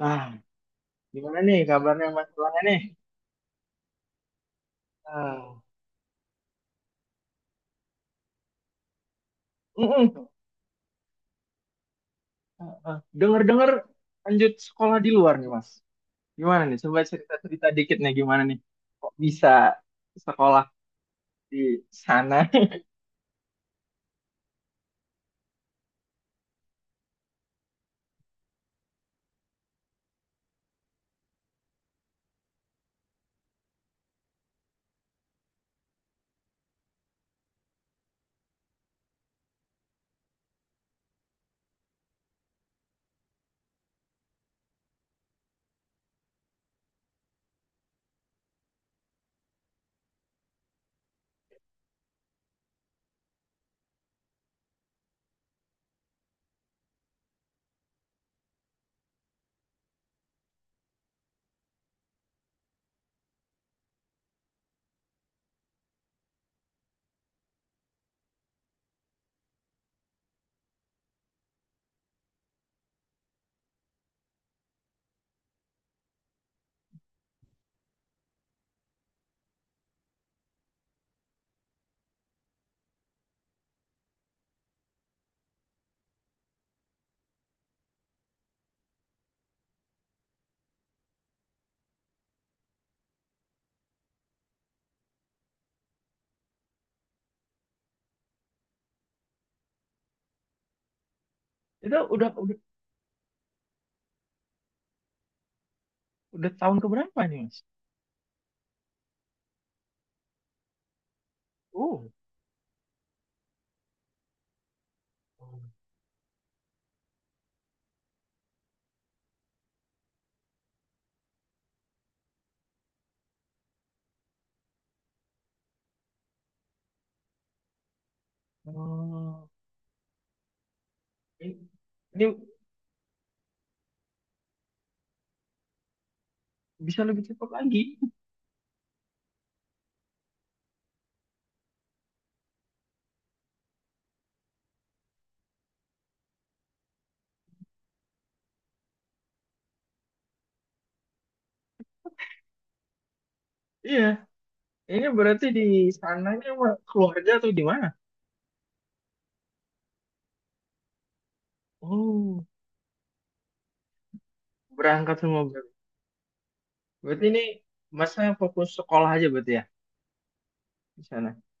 Nah, gimana nih kabarnya Mas Pulang nih? Ah, mm-mm. Ah, ah. Dengar-dengar lanjut sekolah di luar nih Mas. Gimana nih? Coba cerita-cerita dikit nih gimana nih? Kok bisa sekolah di sana? Itu udah udah tahun keberapa nih Mas? Oh, oh. Ini, ini bisa lebih cepat lagi. Iya. Ini berarti di sananya sama keluarga atau di mana? Oh, berangkat semua berarti. Berarti ini masnya fokus sekolah aja berarti ya? Di sana.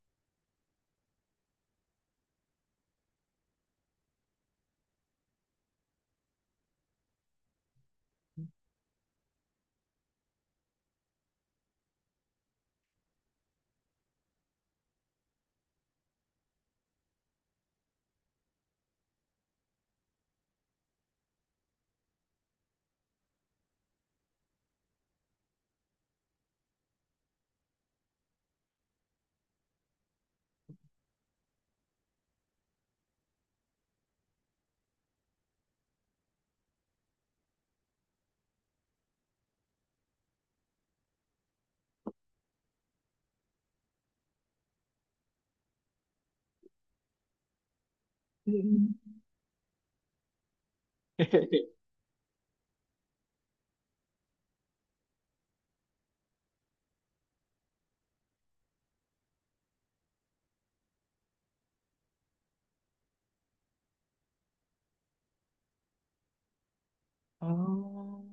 Oh,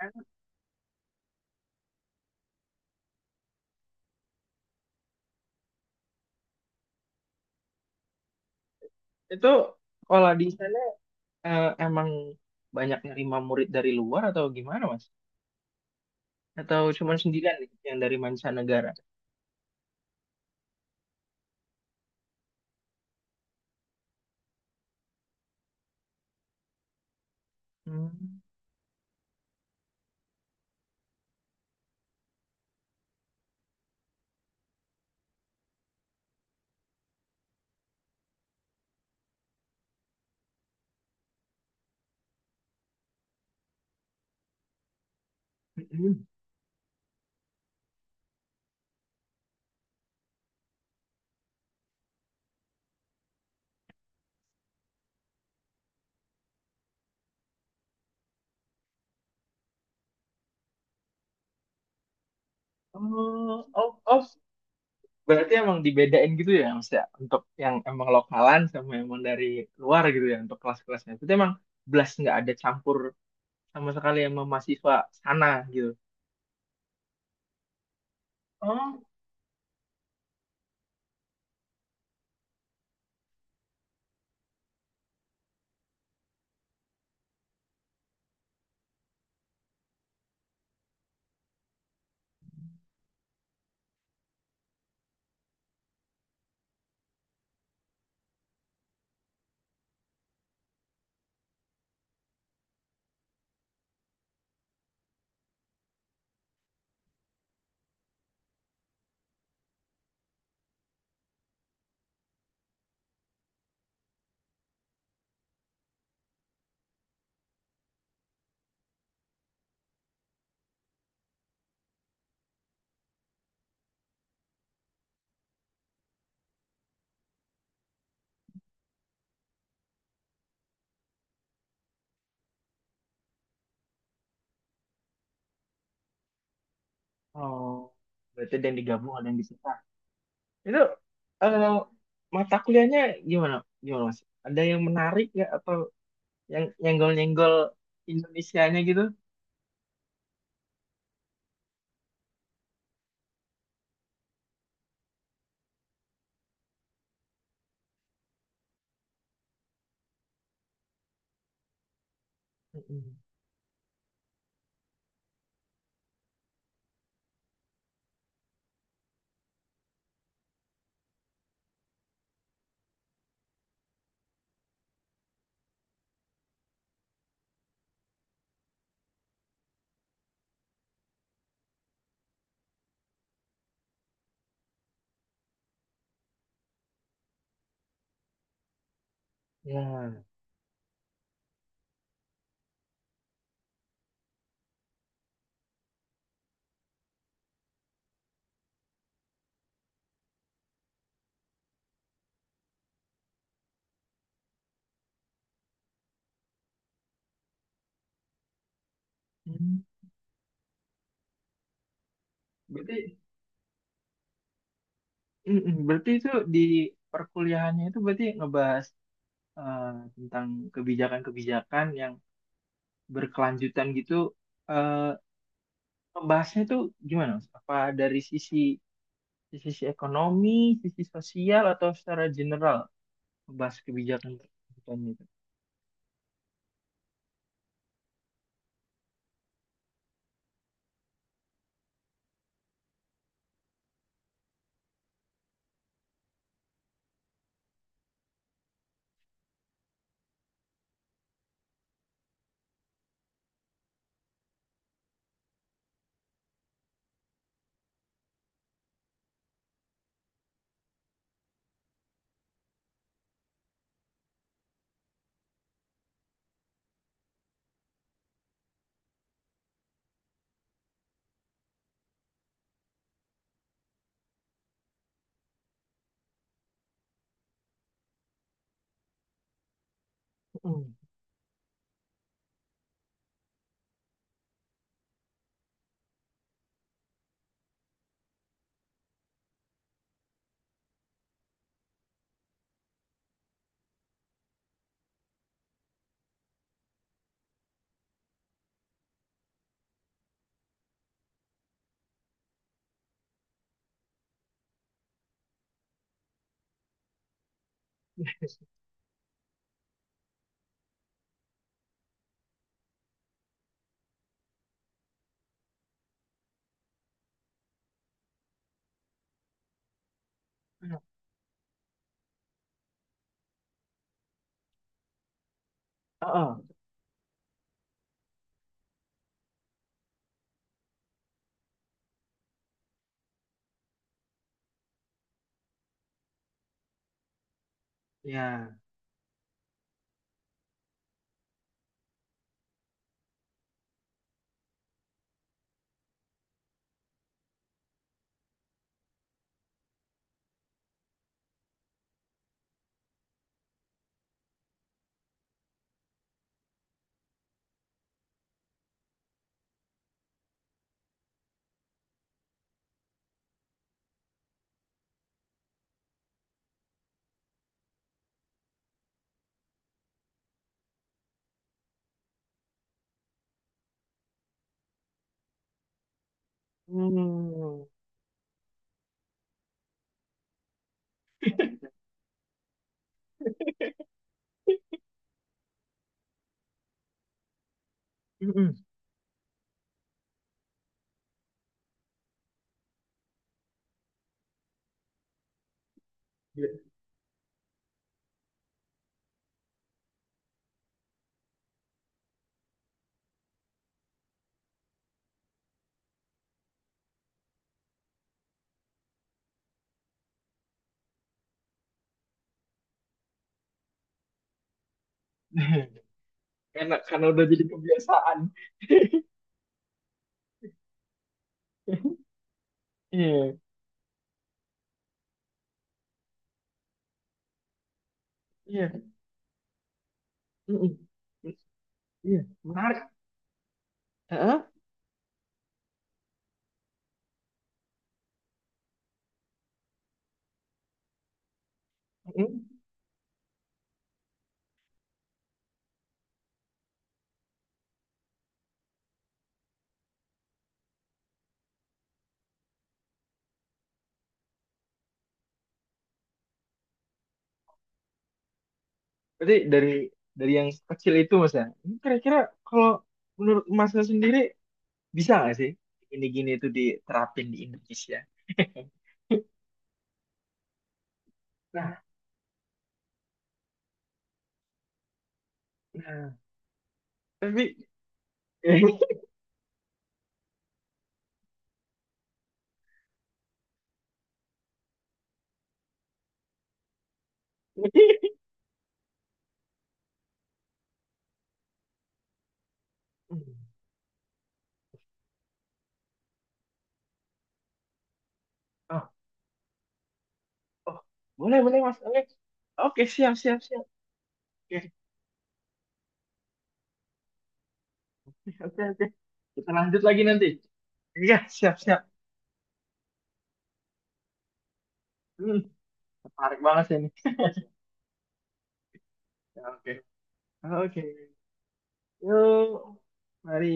em- itu kalau di sana emang banyak nerima murid dari luar atau gimana, Mas? Atau cuma sendirian nih yang dari mancanegara? Hmm. Mm-mm. Oh, oh, oh, berarti emang dibedain gitu ya, Mas ya, untuk yang emang lokalan sama emang dari luar gitu ya, untuk kelas-kelasnya. Itu emang belas nggak ada campur sama sekali sama mahasiswa sana gitu. Oh, oh, berarti ada yang digabung, ada yang dipisah. Itu eh, mata kuliahnya gimana? Gimana Mas? Ada yang menarik nggak atau yang nyenggol-nyenggol Indonesianya gitu? Mm-mm. Ya. Hmm. Berarti mm-mm. Berarti itu di perkuliahannya itu berarti ngebahas eh, tentang kebijakan-kebijakan yang berkelanjutan gitu. Eh, ngebahasnya itu gimana Mas? Apa dari sisi sisi ekonomi, sisi sosial atau secara general ngebahas kebijakan kebijakan itu? Mm. Heeh. Ya. Hmm. Mm-mm. Iya. Enak karena udah jadi kebiasaan. Iya, iya. Mm-mm. Iya. Menarik. Heeh. Mm-mm. Berarti dari yang kecil itu Mas ya. Ini kira-kira kalau menurut Masnya sendiri bisa nggak sih gini-gini itu diterapin di Indonesia? Nah, nah. Tapi oh, oh, boleh boleh Mas. Oke. Oke, siap siap siap. Oke. Oke, oke. Kita lanjut lagi nanti. Iya, siap-siap. Hmm, menarik banget sih ini. Ya, oke. Oke. Yuk, mari.